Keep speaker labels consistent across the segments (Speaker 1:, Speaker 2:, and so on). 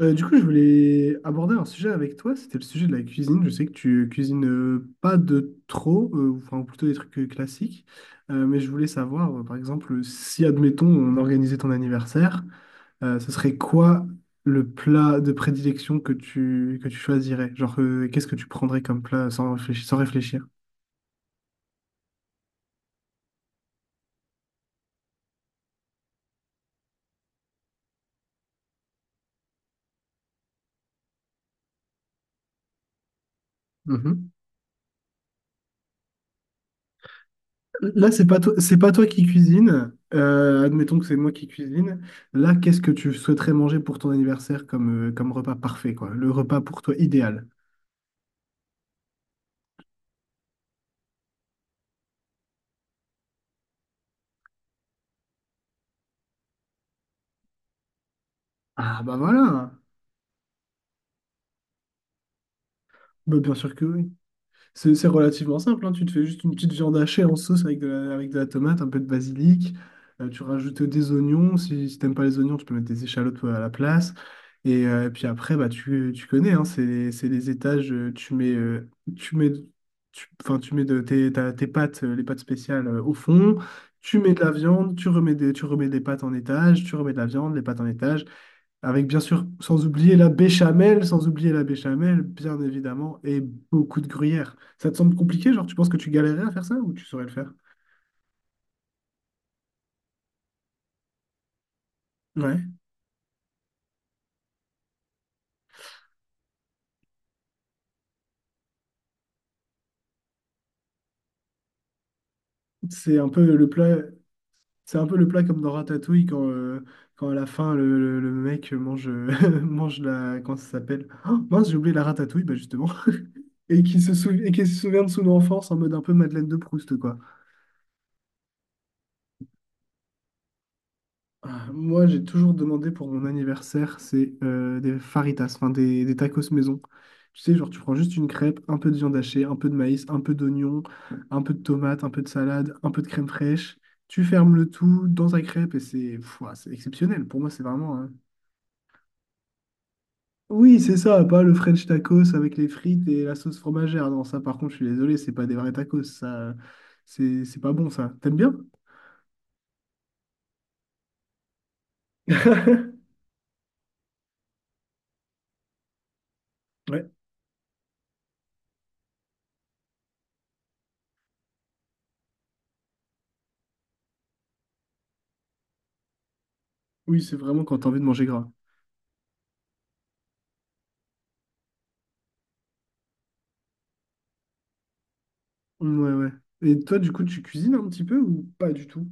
Speaker 1: Du coup, je voulais aborder un sujet avec toi, c'était le sujet de la cuisine. Je sais que tu cuisines pas de trop, ou enfin plutôt des trucs classiques. Mais je voulais savoir, par exemple, si, admettons, on organisait ton anniversaire, ce serait quoi le plat de prédilection que tu choisirais? Genre, qu'est-ce que tu prendrais comme plat sans réfléchir, sans réfléchir? Là, c'est pas toi qui cuisine. Admettons que c'est moi qui cuisine. Là, qu'est-ce que tu souhaiterais manger pour ton anniversaire comme repas parfait, quoi? Le repas pour toi idéal. Ah bah voilà. Bah, bien sûr que oui. C'est relativement simple, hein. Tu te fais juste une petite viande hachée en sauce avec de la tomate, un peu de basilic. Tu rajoutes des oignons. Si t'aimes pas les oignons, tu peux mettre des échalotes à la place. Et puis après, bah, tu connais, hein, c'est les étages. Tu mets, tu mets, tu, enfin, tu mets tes pâtes, les pâtes spéciales au fond. Tu mets de la viande, tu remets des pâtes en étage, tu remets de la viande, les pâtes en étage. Avec bien sûr, sans oublier la béchamel, sans oublier la béchamel, bien évidemment, et beaucoup de gruyère. Ça te semble compliqué, genre tu penses que tu galérerais à faire ça ou tu saurais le faire? Ouais. C'est un peu le plat, c'est un peu le plat comme dans Ratatouille quand à la fin le mec mange, mange la, comment ça s'appelle? Oh, mince, j'ai oublié la ratatouille, bah justement. Et qui se souvient de son enfance en mode un peu Madeleine de Proust, quoi. Ah, moi, j'ai toujours demandé pour mon anniversaire, c'est des faritas, enfin des tacos maison. Tu sais, genre, tu prends juste une crêpe, un peu de viande hachée, un peu de maïs, un peu d'oignon, un peu de tomate, un peu de salade, un peu de crème fraîche. Tu fermes le tout dans ta crêpe et c'est pff, ouah, c'est exceptionnel. Pour moi, c'est vraiment, hein. Oui, c'est ça, pas le French tacos avec les frites et la sauce fromagère. Non, ça, par contre, je suis désolé, c'est pas des vrais tacos. Ça, c'est pas bon, ça. T'aimes bien? Ouais. Oui, c'est vraiment quand t'as envie de manger gras. Ouais, ouais. Et toi, du coup, tu cuisines un petit peu ou pas du tout?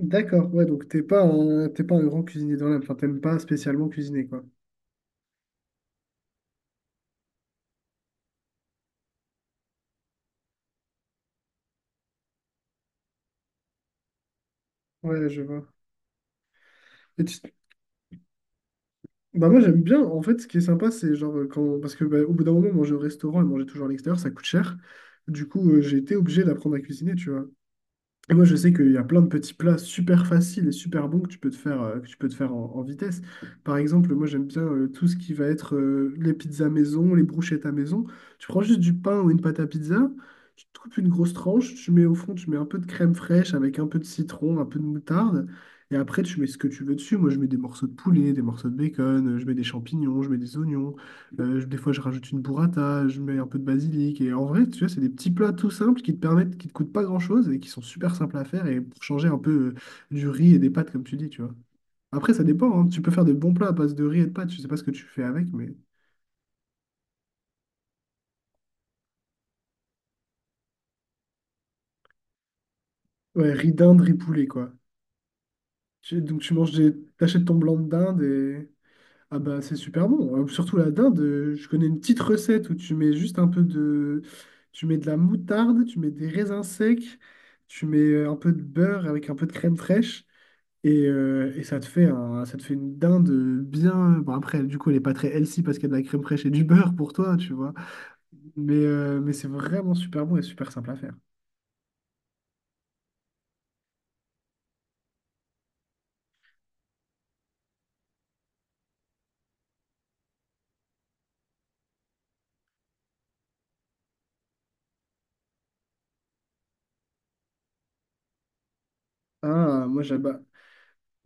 Speaker 1: D'accord, ouais, donc t'es pas un grand cuisinier dans l'âme, enfin t'aimes pas spécialement cuisiner, quoi. Ouais, je vois. Et tu- Bah moi j'aime bien, en fait, ce qui est sympa, c'est genre quand... Parce que bah, au bout d'un moment, manger au restaurant et manger toujours à l'extérieur, ça coûte cher. Du coup, j'ai été obligé d'apprendre à cuisiner, tu vois. Et moi, je sais qu'il y a plein de petits plats super faciles et super bons que tu peux te faire en vitesse. Par exemple, moi, j'aime bien tout ce qui va être les pizzas maison, les brochettes à maison. Tu prends juste du pain ou une pâte à pizza, tu te coupes une grosse tranche, tu mets au fond, tu mets un peu de crème fraîche avec un peu de citron, un peu de moutarde. Et après, tu mets ce que tu veux dessus. Moi, je mets des morceaux de poulet, des morceaux de bacon, je mets des champignons, je mets des oignons. Des fois, je rajoute une burrata, je mets un peu de basilic. Et en vrai, tu vois, c'est des petits plats tout simples qui te permettent, qui te coûtent pas grand-chose et qui sont super simples à faire et pour changer un peu du riz et des pâtes, comme tu dis, tu vois. Après, ça dépend, hein. Tu peux faire de bons plats à base de riz et de pâtes. Je sais pas ce que tu fais avec, mais... Ouais, riz d'Inde, riz poulet, quoi. Donc, tu manges des... T'achètes ton blanc de dinde et ah bah c'est super bon. Surtout la dinde, je connais une petite recette où tu mets juste un peu de... Tu mets de la moutarde, tu mets des raisins secs, tu mets un peu de beurre avec un peu de crème fraîche et ça te fait une dinde bien... Bon après, du coup, elle n'est pas très healthy parce qu'il y a de la crème fraîche et du beurre pour toi, tu vois. Mais c'est vraiment super bon et super simple à faire. Ah, moi j'adore.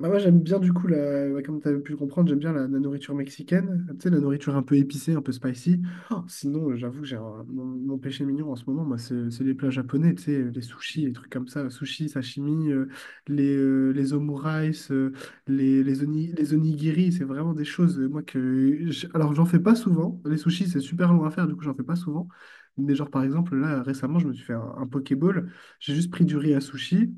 Speaker 1: Bah moi j'aime bien du coup ouais, comme tu as pu le comprendre, j'aime bien la nourriture mexicaine, tu sais, la nourriture un peu épicée, un peu spicy. Oh, sinon, j'avoue, mon péché mignon en ce moment, moi, c'est les plats japonais, tu sais, les sushis, les trucs comme ça, sushis, sashimi, les omurice, les onigiri, c'est vraiment des choses, moi, que... Alors, j'en fais pas souvent, les sushis, c'est super long à faire, du coup, j'en fais pas souvent. Mais genre, par exemple, là, récemment, je me suis fait un Pokéball, j'ai juste pris du riz à sushi.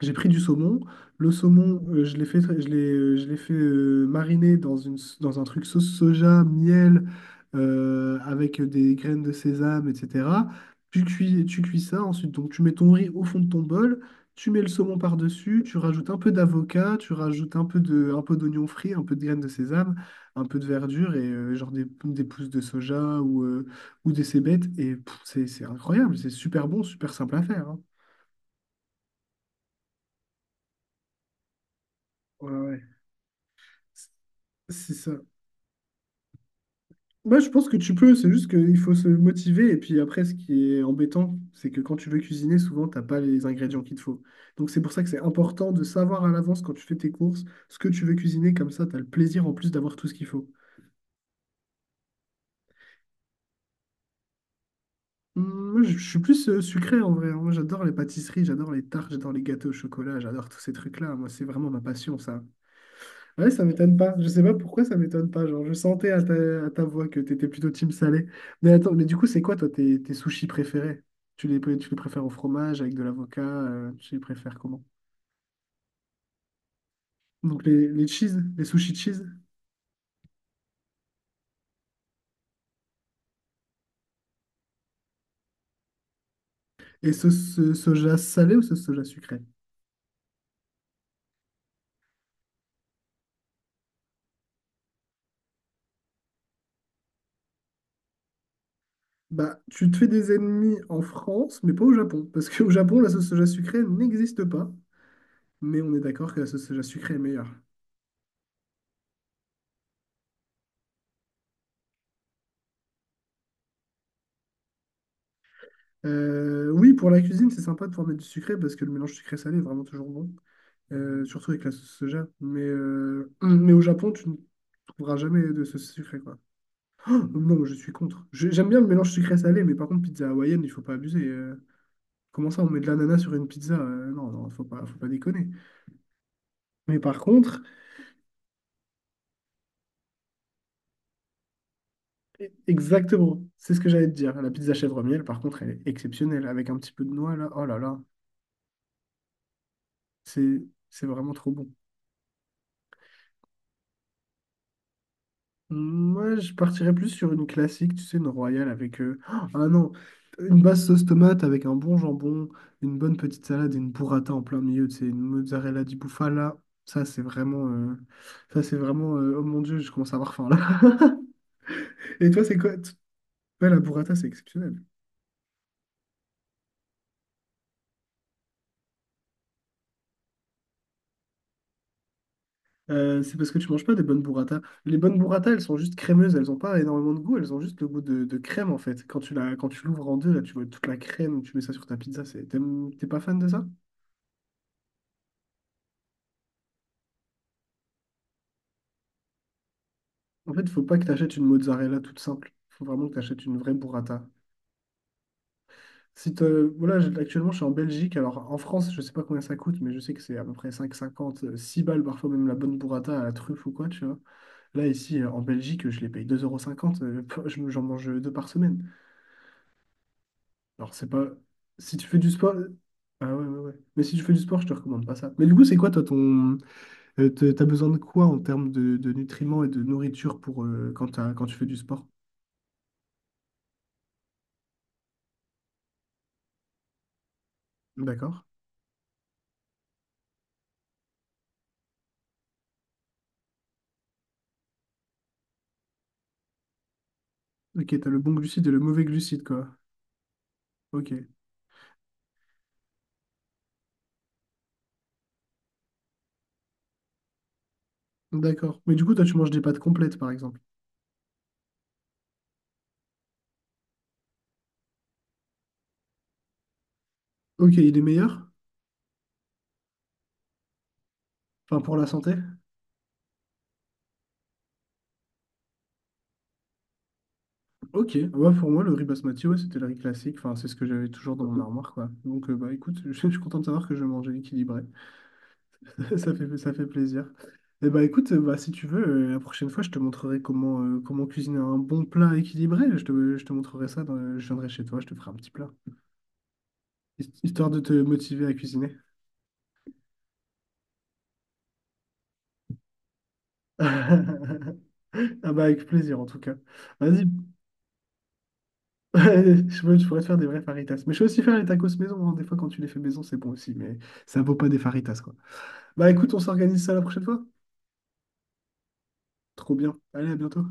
Speaker 1: J'ai pris du saumon. Le saumon, je l'ai fait mariner dans un truc sauce soja, miel, avec des graines de sésame, etc. Tu cuis ça. Ensuite, donc, tu mets ton riz au fond de ton bol. Tu mets le saumon par-dessus. Tu rajoutes un peu d'avocat. Tu rajoutes un peu d'oignon frit, un peu de graines de sésame, un peu de verdure et genre des pousses de soja ou des cébettes. Et pff, c'est incroyable. C'est super bon, super simple à faire, hein. Ouais, ouais. C'est ça. Moi, je pense que tu peux, c'est juste qu'il faut se motiver. Et puis après, ce qui est embêtant, c'est que quand tu veux cuisiner, souvent, t'as pas les ingrédients qu'il te faut. Donc, c'est pour ça que c'est important de savoir à l'avance quand tu fais tes courses ce que tu veux cuisiner. Comme ça, tu as le plaisir en plus d'avoir tout ce qu'il faut. Moi, je suis plus sucré en vrai, hein. Moi, j'adore les pâtisseries, j'adore les tartes, j'adore les gâteaux au chocolat, j'adore tous ces trucs-là. Moi, c'est vraiment ma passion, ça. Ouais, ça m'étonne pas. Je sais pas pourquoi ça m'étonne pas. Genre, je sentais à ta voix que t'étais plutôt team salé. Mais attends, mais du coup, c'est quoi toi tes sushis préférés? Tu les préfères au fromage, avec de l'avocat, tu les préfères comment? Donc les cheese, les sushis cheese et sauce soja salée ou sauce soja sucrée? Bah, tu te fais des ennemis en France, mais pas au Japon. Parce qu'au Japon, la sauce soja sucrée n'existe pas. Mais on est d'accord que la sauce soja sucrée est meilleure. Oui, pour la cuisine, c'est sympa de pouvoir mettre du sucré parce que le mélange sucré-salé est vraiment toujours bon. Surtout avec la sauce soja. Mais au Japon, tu ne trouveras jamais de sauce sucrée, quoi. Non, je suis contre. J'aime bien le mélange sucré-salé, mais par contre, pizza hawaïenne, il faut pas abuser. Comment ça, on met de l'ananas sur une pizza? Non, non, faut pas déconner. Mais par contre, exactement, c'est ce que j'allais te dire. La pizza chèvre miel, par contre, elle est exceptionnelle, avec un petit peu de noix, là. Oh là là, c'est, c'est vraiment trop bon. Moi, je partirais plus sur une classique, tu sais, une royale avec... Ah non, une basse sauce tomate avec un bon jambon, une bonne petite salade et une burrata en plein milieu, tu sais, une mozzarella di bufala. Ça, c'est vraiment... euh, Oh mon Dieu, je commence à avoir faim, là. Et toi, c'est quoi? Ouais, la burrata, c'est exceptionnel. C'est parce que tu manges pas des bonnes burrata. Les bonnes burrata, elles sont juste crémeuses, elles ont pas énormément de goût, elles ont juste le goût de crème, en fait. Quand tu l'ouvres en deux, là, tu vois toute la crème, tu mets ça sur ta pizza, c'est... T'es pas fan de ça? En fait, faut pas que tu achètes une mozzarella toute simple. Faut vraiment que tu achètes une vraie burrata. Si te... Voilà, actuellement, je suis en Belgique. Alors, en France, je sais pas combien ça coûte, mais je sais que c'est à peu près 5,50, 6 balles, parfois même la bonne burrata à la truffe ou quoi, tu vois. Là, ici, en Belgique, je les paye deux euros cinquante. J'en mange deux par semaine. Alors, c'est pas... Si tu fais du sport... Ah ouais, ouais, ouais. Mais si tu fais du sport, je te recommande pas ça. Mais du coup, c'est quoi, toi, ton... T'as besoin de quoi en termes de nutriments et de nourriture pour, quand quand tu fais du sport? D'accord. Ok, t'as le bon glucide et le mauvais glucide, quoi. Ok, d'accord. Mais du coup, toi, tu manges des pâtes complètes, par exemple. Ok, il est meilleur? Enfin, pour la santé? Ok, ouais, pour moi, le riz basmati, ouais, c'était le riz classique. Enfin, c'est ce que j'avais toujours dans mon armoire, quoi. Donc, bah, écoute, je suis content de savoir que je mangeais équilibré. Ça fait plaisir. Et bah, écoute, bah, si tu veux, la prochaine fois, je te montrerai comment cuisiner un bon plat équilibré. Je te montrerai ça, je viendrai chez toi, je te ferai un petit plat. Histoire de te motiver à cuisiner. Ah bah avec plaisir en tout cas. Vas-y, je pourrais te faire des vrais faritas. Mais je sais aussi faire les tacos maison, hein. Des fois, quand tu les fais maison, c'est bon aussi. Mais ça vaut pas des faritas, quoi. Bah écoute, on s'organise ça la prochaine fois. Trop bien. Allez, à bientôt.